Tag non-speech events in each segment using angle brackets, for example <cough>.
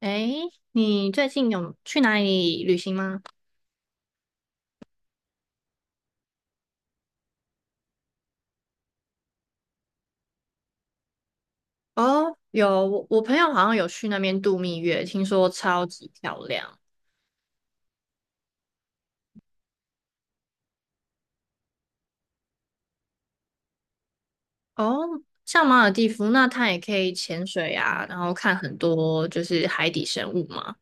诶，你最近有去哪里旅行吗？哦，有，我朋友好像有去那边度蜜月，听说超级漂亮。哦，像马尔地夫，那它也可以潜水啊，然后看很多就是海底生物嘛。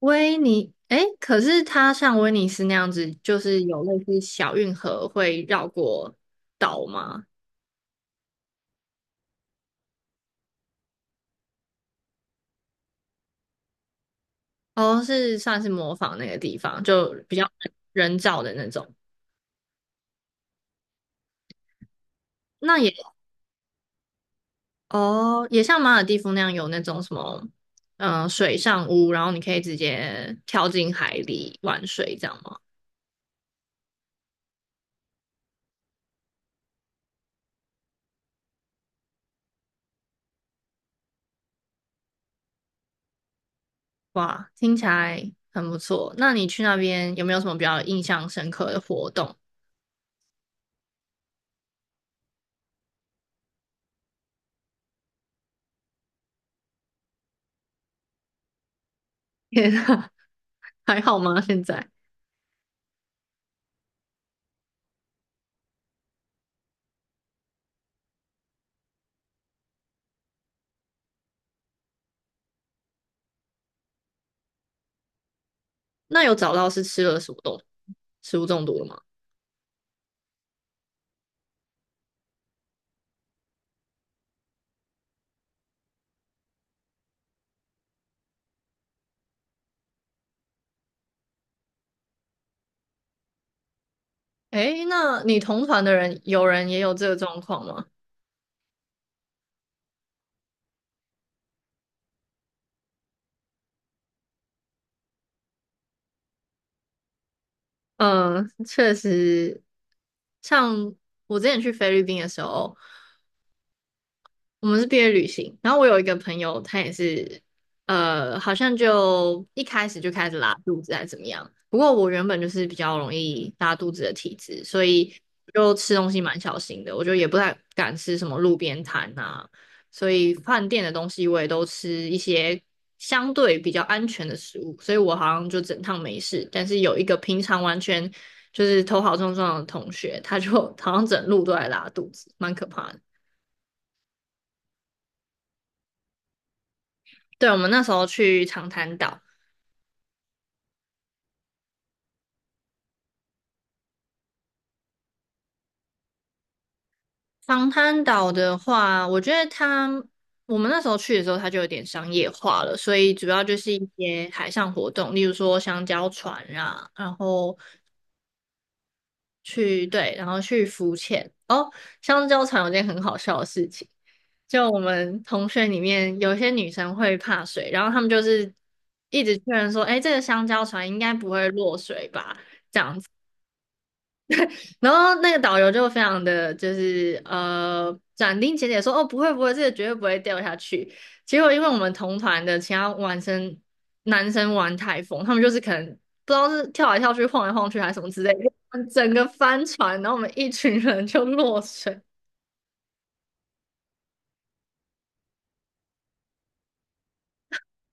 诶，可是它像威尼斯那样子，就是有类似小运河会绕过岛吗？哦，是算是模仿那个地方，就比较人造的那种。那也。哦，也像马尔地夫那样有那种什么，水上屋，然后你可以直接跳进海里玩水，这样吗？哇，听起来很不错。那你去那边有没有什么比较印象深刻的活动？<laughs> 天啊，还好吗？现在？那有找到是吃了什么食物中毒了吗？诶，那你同团的人有人也有这个状况吗？嗯，确实，像我之前去菲律宾的时候。我们是毕业旅行，然后我有一个朋友，他也是，好像就一开始就开始拉肚子还是怎么样。不过我原本就是比较容易拉肚子的体质，所以就吃东西蛮小心的，我就也不太敢吃什么路边摊啊，所以饭店的东西我也都吃一些相对比较安全的食物，所以我好像就整趟没事。但是有一个平常完全就是头好壮壮的同学，他就 <laughs> 好像整路都在拉肚子，蛮可怕的。对，我们那时候去长滩岛。长滩岛的话，我觉得它，我们那时候去的时候，它就有点商业化了，所以主要就是一些海上活动，例如说香蕉船啊，然后去，对，然后去浮潜。哦，香蕉船有件很好笑的事情，就我们同学里面有些女生会怕水，然后她们就是一直确认说，哎，这个香蕉船应该不会落水吧？然后那个导游就非常的就是斩钉截铁说：“哦，不会不会，这个绝对不会掉下去。”结果因为我们同团的其他男生玩太疯，他们就是可能不知道是跳来跳去、晃来晃去还是什么之类的，整个翻船，然后我们一群人就落水。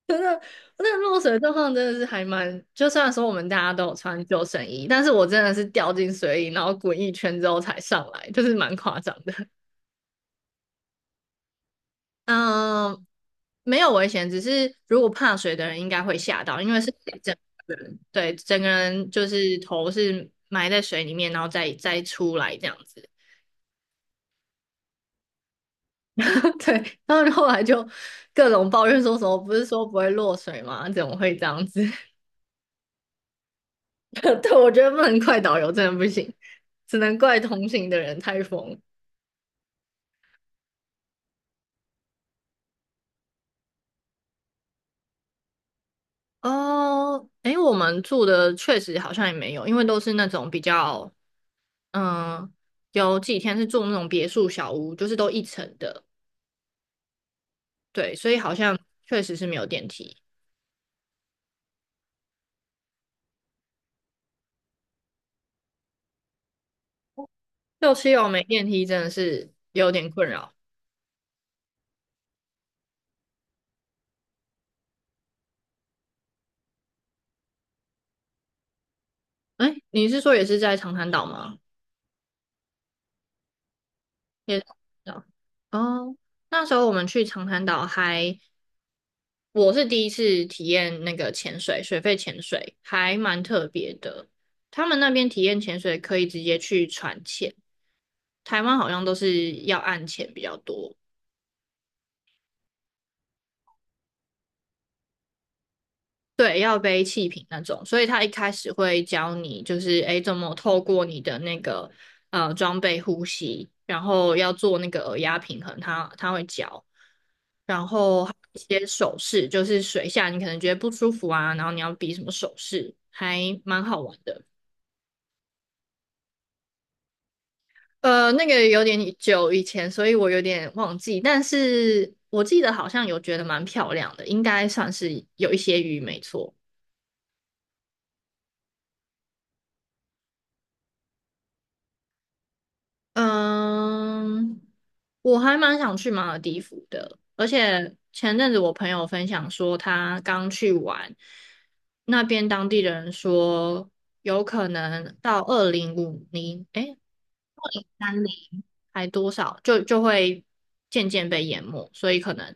真的，那个落水的状况真的是还蛮，就虽然说我们大家都有穿救生衣，但是我真的是掉进水里，然后滚一圈之后才上来，就是蛮夸张的。嗯，没有危险，只是如果怕水的人应该会吓到，因为是整个人，对，整个人就是头是埋在水里面，然后再出来这样子。<laughs> 对，然后后来就各种抱怨说什么，不是说不会落水吗？怎么会这样子？<laughs> 对，我觉得不能怪导游，真的不行，只能怪同行的人太疯。哦，诶，我们住的确实好像也没有，因为都是那种比较嗯，有几天是住那种别墅小屋，就是都一层的，对，所以好像确实是没有电梯。六七楼没电梯真的是有点困扰。哎，你是说也是在长滩岛吗？也是长滩岛。哦，那时候我们去长滩岛还，我是第一次体验那个潜水，水肺潜水还蛮特别的。他们那边体验潜水可以直接去船潜，台湾好像都是要岸潜比较多。对，要背气瓶那种，所以他一开始会教你，就是诶怎么透过你的那个装备呼吸，然后要做那个耳压平衡，他会教，然后还有一些手势，就是水下你可能觉得不舒服啊，然后你要比什么手势，还蛮好玩的。那个有点久以前，所以我有点忘记，但是我记得好像有觉得蛮漂亮的，应该算是有一些鱼，没错。嗯，我还蛮想去马尔地夫的，而且前阵子我朋友分享说，他刚去玩，那边当地人说，有可能到2050，诶，2030还多少，就会渐渐被淹没，所以可能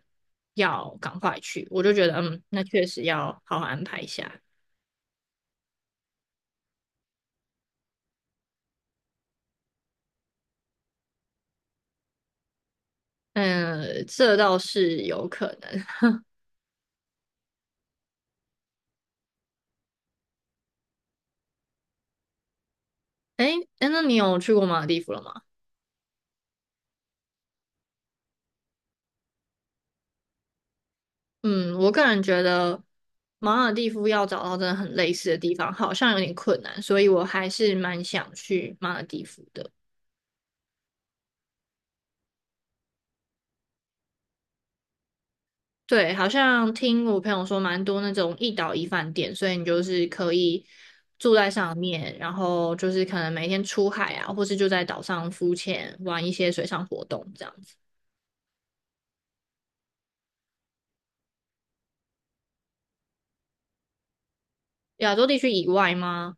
要赶快去。我就觉得，嗯，那确实要好好安排一下。嗯，这倒是有可能。诶，诶，那你有去过马尔地夫了吗？嗯，我个人觉得马尔蒂夫要找到真的很类似的地方，好像有点困难，所以我还是蛮想去马尔蒂夫的。对，好像听我朋友说，蛮多那种一岛一饭店，所以你就是可以住在上面，然后就是可能每天出海啊，或是就在岛上浮潜，玩一些水上活动这样子。亚洲地区以外吗？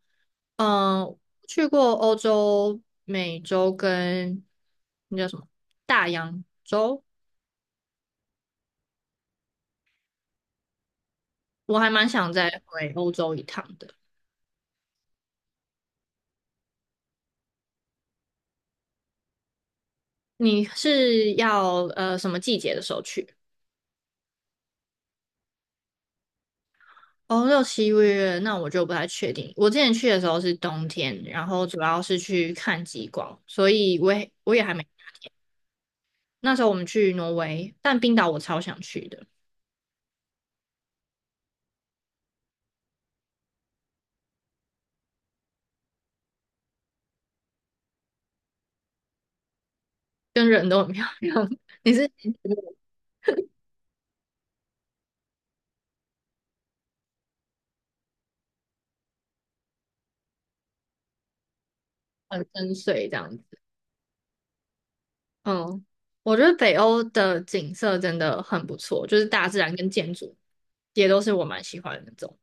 嗯，去过欧洲、美洲跟那叫什么大洋洲。我还蛮想再回欧洲一趟的。你是要什么季节的时候去？哦，六七月，那我就不太确定。我之前去的时候是冬天，然后主要是去看极光，所以我也还没。那时候我们去挪威，但冰岛我超想去的，跟人都很漂亮，<laughs> 你是很深邃这样子。嗯，我觉得北欧的景色真的很不错，就是大自然跟建筑也都是我蛮喜欢的那种。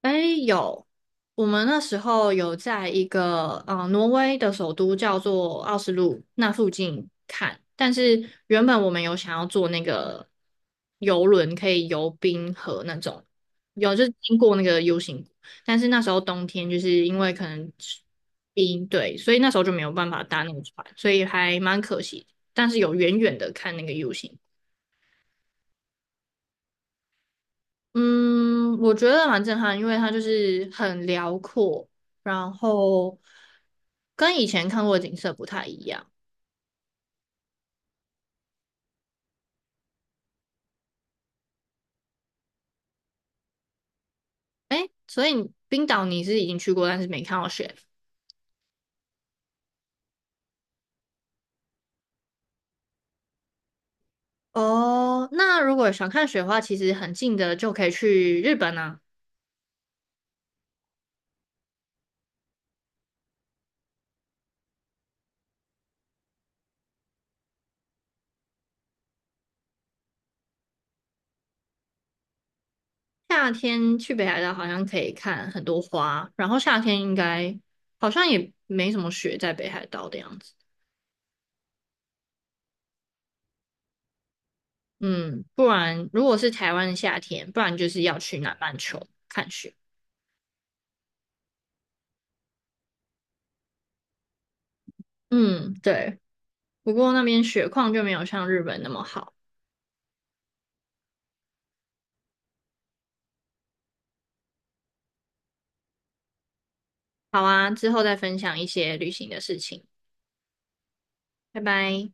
哎，有，我们那时候有在一个挪威的首都叫做奥斯陆那附近看，但是原本我们有想要坐那个游轮，可以游冰河那种，有就是经过那个 U 型谷，但是那时候冬天就是因为可能冰，对，所以那时候就没有办法搭那个船，所以还蛮可惜。但是有远远的看那个 U 型。嗯，我觉得蛮震撼，因为它就是很辽阔，然后跟以前看过的景色不太一样。诶，所以你冰岛你是已经去过，但是没看到雪。哦，那如果想看雪的话，其实很近的就可以去日本啊。夏天去北海道好像可以看很多花，然后夏天应该好像也没什么雪在北海道的样子。嗯，不然如果是台湾的夏天，不然就是要去南半球看雪。嗯，对。不过那边雪况就没有像日本那么好。好啊，之后再分享一些旅行的事情，拜拜。